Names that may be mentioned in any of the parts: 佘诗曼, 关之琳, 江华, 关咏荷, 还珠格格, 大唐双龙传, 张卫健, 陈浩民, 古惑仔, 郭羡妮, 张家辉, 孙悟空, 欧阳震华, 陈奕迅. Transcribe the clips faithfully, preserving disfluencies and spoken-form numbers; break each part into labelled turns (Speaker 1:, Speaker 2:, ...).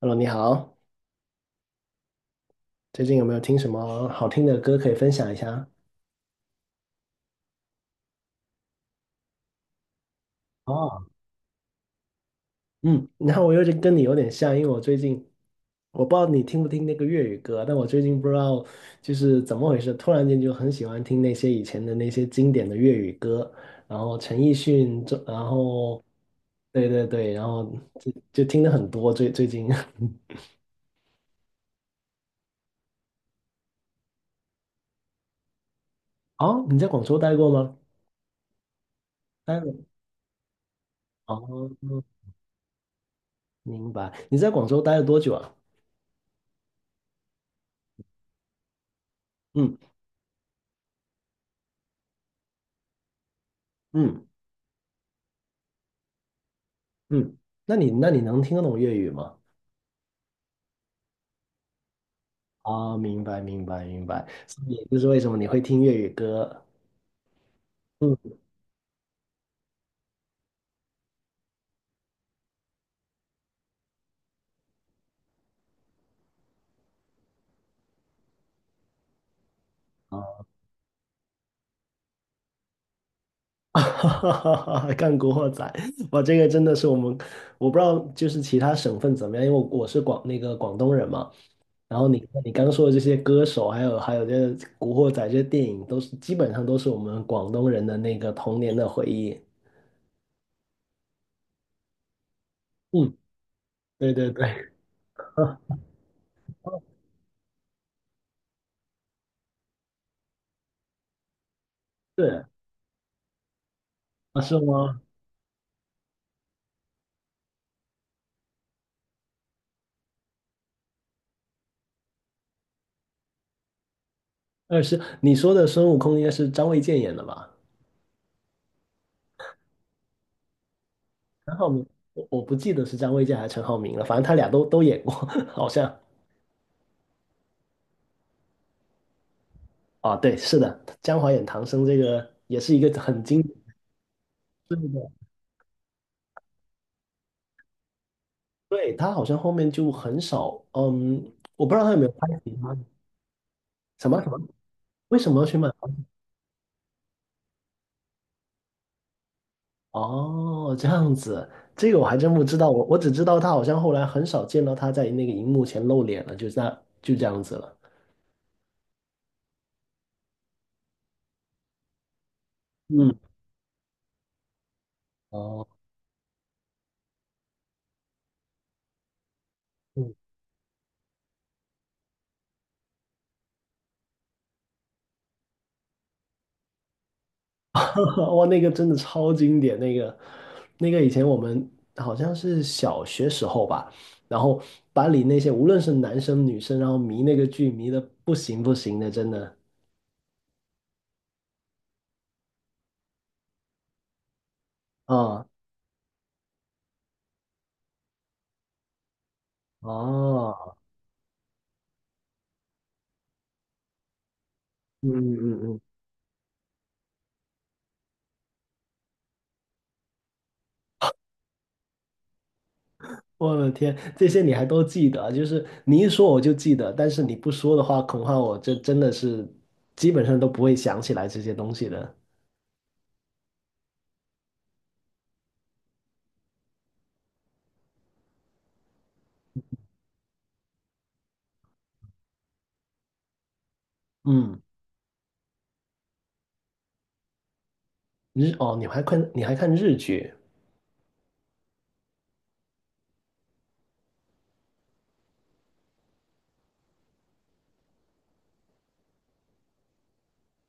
Speaker 1: Hello，你好，最近有没有听什么好听的歌可以分享一下？哦，嗯，然后我又跟你有点像，因为我最近我不知道你听不听那个粤语歌，但我最近不知道就是怎么回事，突然间就很喜欢听那些以前的那些经典的粤语歌，然后陈奕迅，这然后对对对，然后就就听的很多最最近。哦，你在广州待过吗？待了。哦，明白。你在广州待了多久啊？嗯嗯。嗯，那你那你能听得懂粤语吗？啊，明白明白明白，所以就是为什么你会听粤语歌？嗯啊，干古惑仔，哇，这个真的是我们，我不知道就是其他省份怎么样，因为我我是广那个广东人嘛，然后你你刚说的这些歌手，还有还有这古惑仔这些电影，都是基本上都是我们广东人的那个童年的回忆。嗯，对对对，啊，是啊，是吗？二是你说的孙悟空应该是张卫健演的吧？陈浩民，我我不记得是张卫健还是陈浩民了，反正他俩都都演过，好像。啊，对，是的，《江华演唐僧》这个也是一个很经典。对的，对，他好像后面就很少，嗯，我不知道他有没有拍其他的什么什么，为什么要去曼谷哦，这样子，这个我还真不知道，我我只知道他好像后来很少见到他在那个荧幕前露脸了，就在就这样子了。嗯，哦，嗯。哇，那个真的超经典，那个那个以前我们好像是小学时候吧，然后班里那些无论是男生女生，然后迷那个剧迷的不行不行的，真的啊哦，嗯嗯嗯，我的天，这些你还都记得，就是你一说我就记得，但是你不说的话，恐怕我这真的是基本上都不会想起来这些东西的。嗯，日哦，你还看你还看日剧？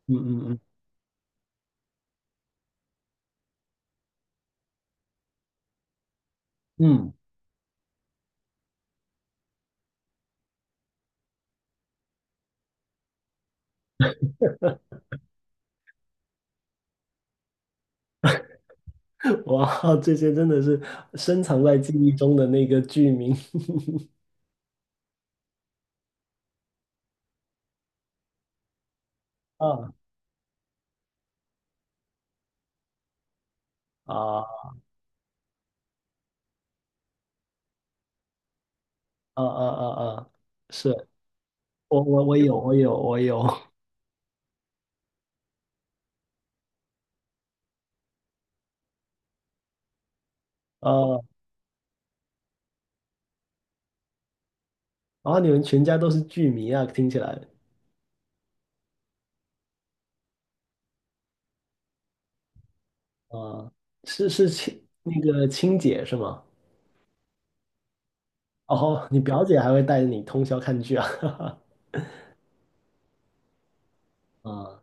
Speaker 1: 嗯嗯嗯嗯。哇，这些真的是深藏在记忆中的那个剧名啊啊啊啊啊啊！是我我我有我有我有啊！然后你们全家都是剧迷啊，听起来啊，是是亲那个亲姐是吗？哦，你表姐还会带着你通宵看剧啊？啊，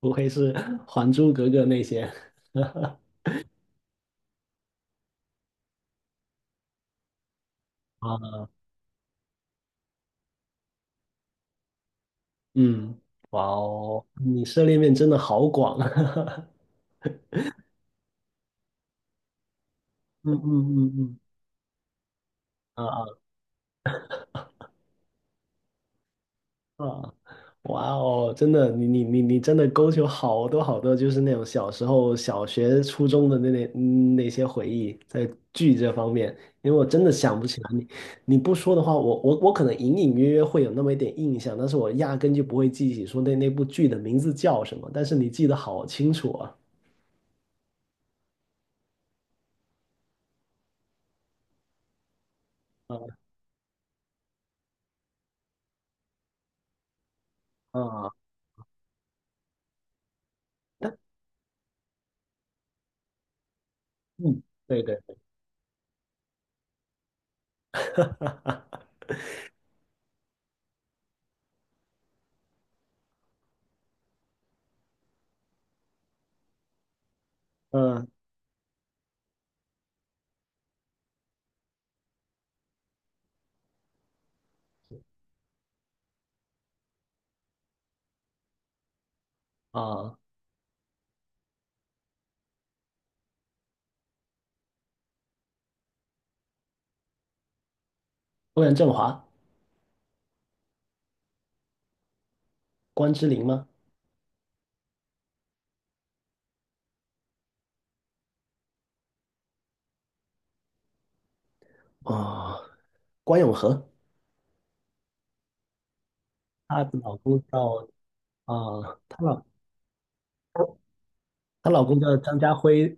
Speaker 1: 不愧是《还珠格格》那些啊，嗯，哇哦，你涉猎面真的好广啊，嗯嗯嗯嗯啊啊。啊，哇哦，真的，你你你你真的勾起我好多好多，就是那种小时候、小学、初中的那那嗯那些回忆，在剧这方面，因为我真的想不起来你，你不说的话，我我我可能隐隐约约会有那么一点印象，但是我压根就不会记起说那那部剧的名字叫什么，但是你记得好清楚啊，啊啊，但嗯，对对，嗯啊，欧阳震华、关之琳吗？啊，关咏荷，她的老公叫。啊，她老她老公叫张家辉，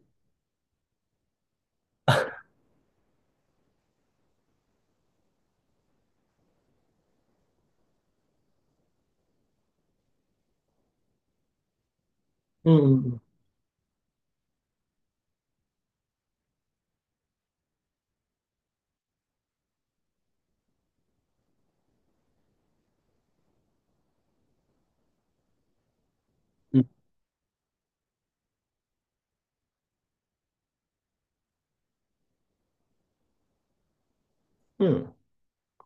Speaker 1: 嗯嗯嗯嗯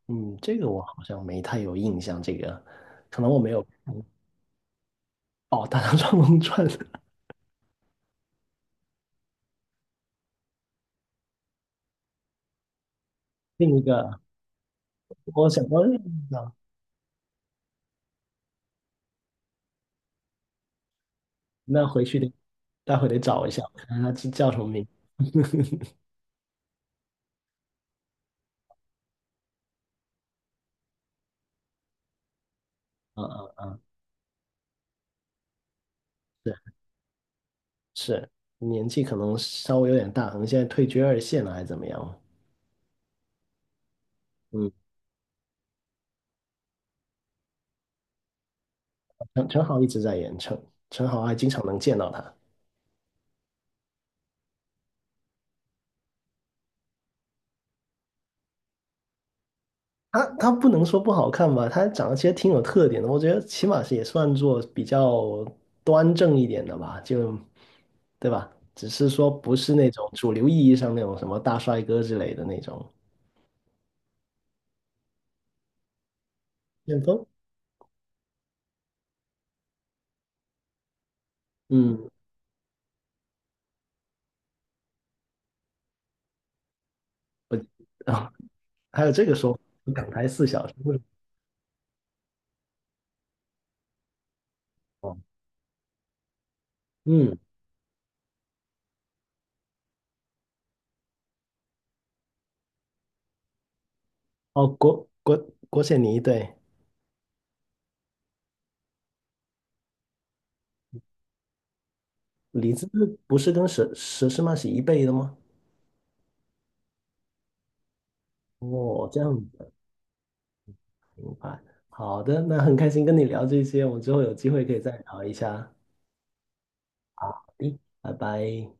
Speaker 1: 嗯，这个我好像没太有印象，这个可能我没有看哦，《大唐双龙传》另一个，我想到另一个那回去得待会得找一下，我看看他叫叫什么名。嗯嗯嗯，是是，年纪可能稍微有点大，可能现在退居二线了还是怎么样？嗯，陈陈好一直在演，陈陈好还经常能见到他。他他不能说不好看吧，他长得其实挺有特点的，我觉得起码是也算作比较端正一点的吧，就对吧？只是说不是那种主流意义上那种什么大帅哥之类的那种旋风，嗯，我啊，还有这个说法港台四小时，为什么嗯，哦，郭郭郭羡妮对，李子不是跟佘佘诗曼是一辈的吗？哦，这样明白。好的，那很开心跟你聊这些，我们之后有机会可以再聊一下。好的，拜拜。